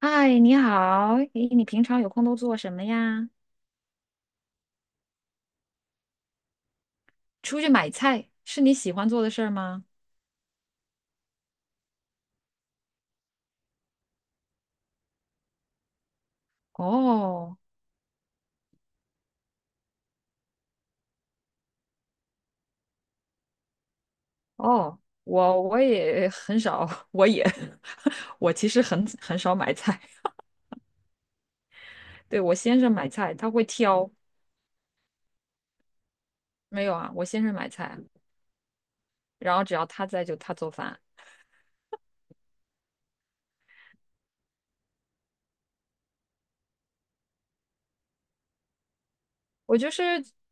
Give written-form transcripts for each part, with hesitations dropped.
嗨，你好，诶，你平常有空都做什么呀？出去买菜是你喜欢做的事儿吗？哦哦，我也很少，我也 我其实很少买菜。对，我先生买菜，他会挑。没有啊，我先生买菜，然后只要他在就他做饭。我就是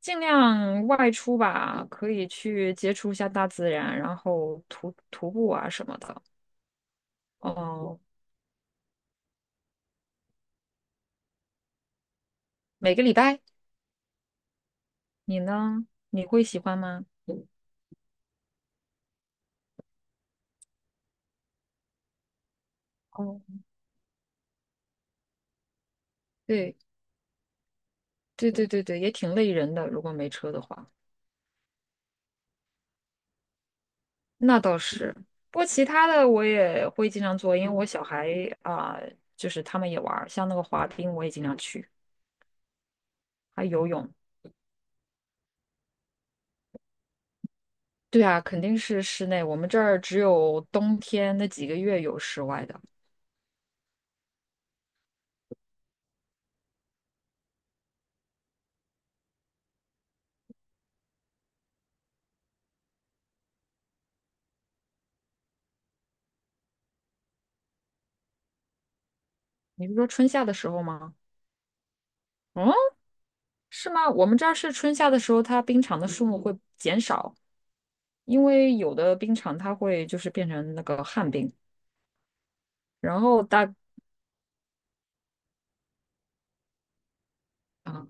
尽量外出吧，可以去接触一下大自然，然后徒步啊什么的。哦，每个礼拜，你呢？你会喜欢吗？哦。对对对对对，也挺累人的，如果没车的话，那倒是。不过其他的我也会经常做，因为我小孩啊、就是他们也玩儿，像那个滑冰我也经常去，还游泳。对啊，肯定是室内，我们这儿只有冬天那几个月有室外的。你是说春夏的时候吗？嗯，是吗？我们这儿是春夏的时候，它冰场的数目会减少，因为有的冰场它会就是变成那个旱冰，然后大啊、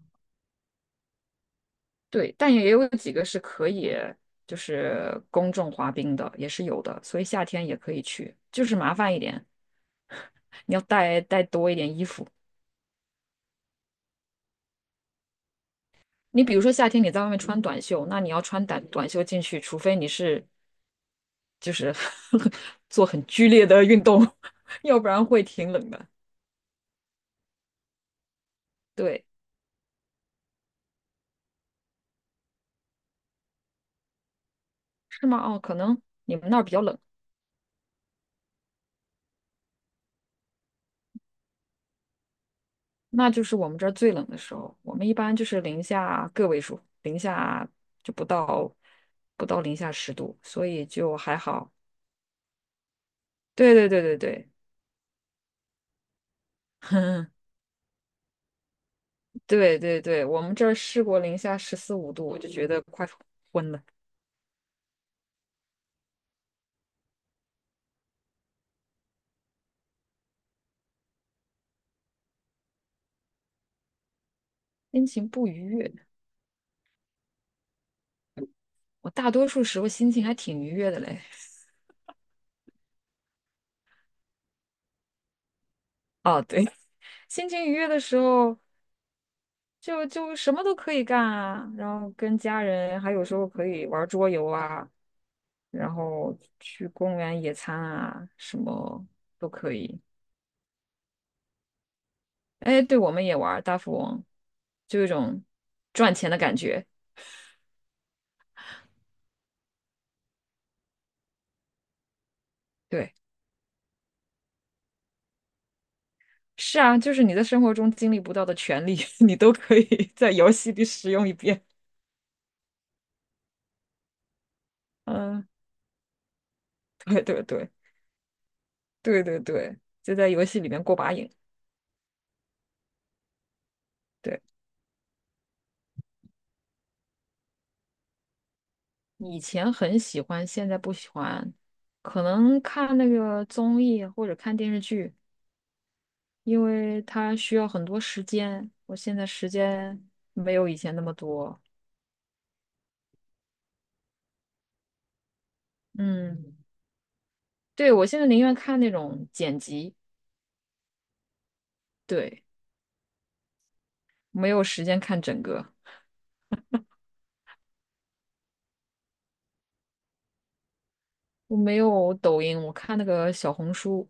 对，但也有几个是可以就是公众滑冰的，也是有的，所以夏天也可以去，就是麻烦一点，你要带多一点衣服。你比如说夏天你在外面穿短袖，那你要穿短袖进去，除非你是就是 做很剧烈的运动，要不然会挺冷的。对，是吗？哦，可能你们那儿比较冷。那就是我们这儿最冷的时候，我们一般就是零下个位数，零下就不到不到零下10度，所以就还好。对对对对对，对对对，我们这儿试过零下十四五度，我就觉得快昏了，心情不愉悦。我大多数时候心情还挺愉悦的嘞。哦，对，心情愉悦的时候就什么都可以干啊，然后跟家人，还有时候可以玩桌游啊，然后去公园野餐啊，什么都可以。哎，对，我们也玩儿大富翁，就有一种赚钱的感觉。对，是啊，就是你在生活中经历不到的权利，你都可以在游戏里使用一遍。嗯，对对对对对对，就在游戏里面过把瘾。对，以前很喜欢，现在不喜欢，可能看那个综艺或者看电视剧。因为它需要很多时间，我现在时间没有以前那么多。嗯，对，我现在宁愿看那种剪辑，对，没有时间看整个。我没有抖音，我看那个小红书，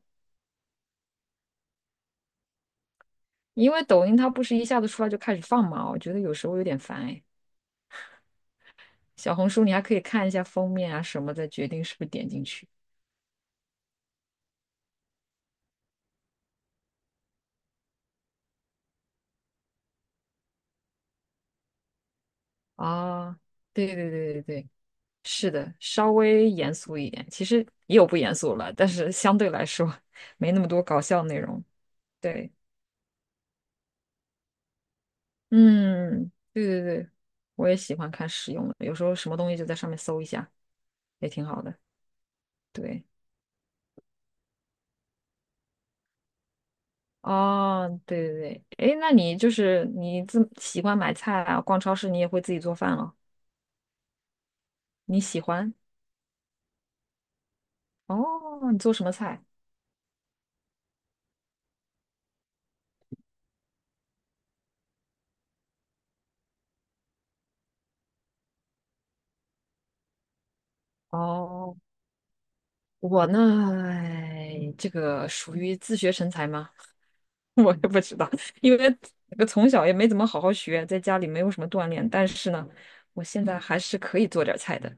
因为抖音它不是一下子出来就开始放嘛，我觉得有时候有点烦哎。小红书你还可以看一下封面啊什么，再决定是不是点进去。啊，对对对对对。是的，稍微严肃一点，其实也有不严肃了，但是相对来说没那么多搞笑内容。对，嗯，对对对，我也喜欢看实用的，有时候什么东西就在上面搜一下，也挺好的。对，哦，对对对，哎，那你就是你自喜欢买菜啊，逛超市你也会自己做饭了？你喜欢？哦，你做什么菜？哦，我呢，哎这个属于自学成才吗？我也不知道，因为我从小也没怎么好好学，在家里没有什么锻炼。但是呢，我现在还是可以做点儿菜的。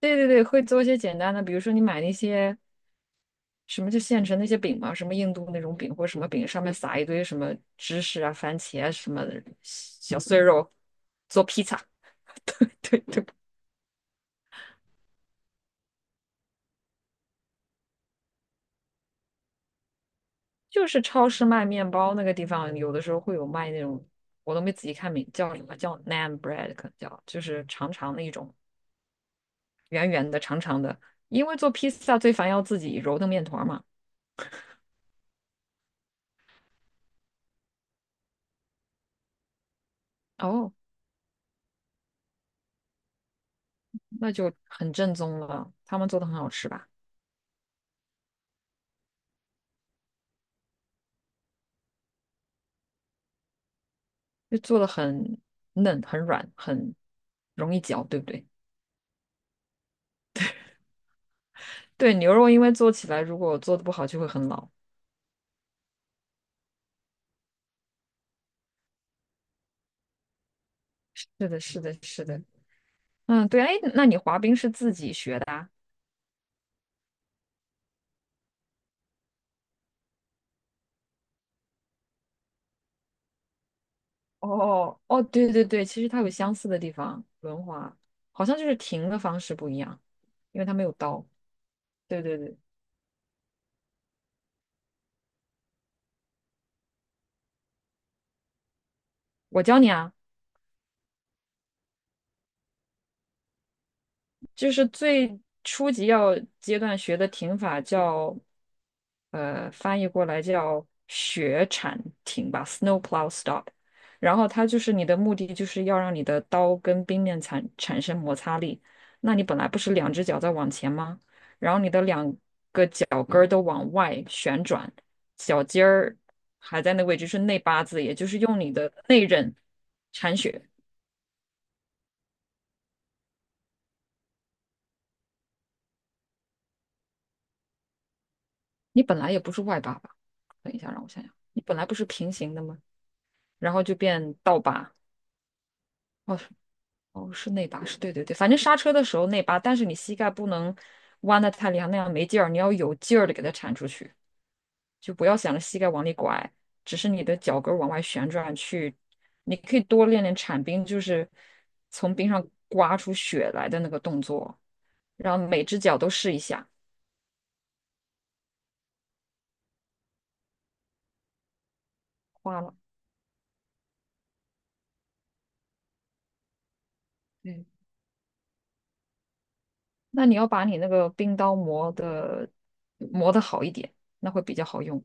对对对，会做一些简单的，比如说你买那些什么就现成那些饼嘛，什么印度那种饼或者什么饼，上面撒一堆什么芝士啊、番茄啊什么的小碎肉，做披萨。对对对，就是超市卖面包那个地方，有的时候会有卖那种，我都没仔细看名叫什么，叫 naan bread，可能叫就是长长的一种。圆圆的、长长的，因为做披萨最烦要自己揉的面团儿嘛。哦，那就很正宗了，他们做的很好吃吧？就做的很嫩、很软、很容易嚼，对不对？对，牛肉因为做起来如果做的不好就会很老。是的，是的，是的。嗯，对，哎，那你滑冰是自己学的啊？哦，哦，对对对，其实它有相似的地方，轮滑好像就是停的方式不一样，因为它没有刀。对对对，我教你啊。就是最初级要阶段学的停法叫，翻译过来叫雪铲停吧，snowplow stop。然后它就是你的目的就是要让你的刀跟冰面产生摩擦力。那你本来不是两只脚在往前吗？然后你的两个脚跟儿都往外旋转，脚尖儿还在那个位置是内八字，也就是用你的内刃铲雪。你本来也不是外八吧？等一下，让我想想，你本来不是平行的吗？然后就变倒八，哦哦，是内八，是对对对，反正刹车的时候内八，但是你膝盖不能弯的太厉害，那样没劲儿，你要有劲儿的给它铲出去，就不要想着膝盖往里拐，只是你的脚跟儿往外旋转去，你可以多练练铲冰，就是从冰上刮出血来的那个动作，然后每只脚都试一下，花了，嗯。那你要把你那个冰刀磨的好一点，那会比较好用。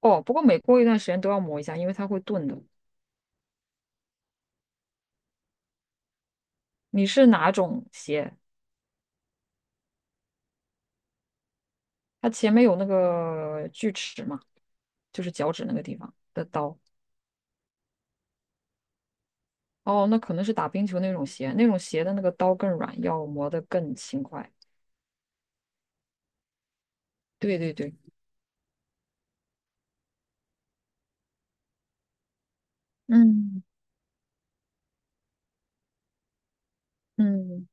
哦，不过每过一段时间都要磨一下，因为它会钝的。你是哪种鞋？它前面有那个锯齿嘛，就是脚趾那个地方的刀。哦，那可能是打冰球那种鞋，那种鞋的那个刀更软，要磨得更勤快。对对对，嗯嗯。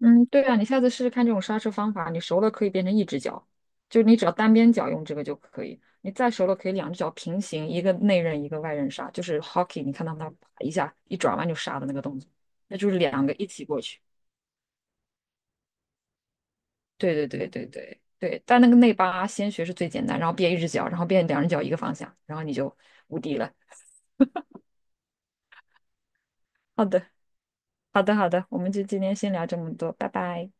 嗯，对啊，你下次试试看这种刹车方法，你熟了可以变成一只脚，就你只要单边脚用这个就可以。你再熟了可以两只脚平行，一个内刃一个外刃刹，就是 hockey，你看到那啪一下一转弯就刹的那个动作，那就是两个一起过去。对对对对对对，但那个内八先学是最简单，然后变一只脚，然后变两只脚一个方向，然后你就无敌了。好的，好的，好的，我们就今天先聊这么多，拜拜。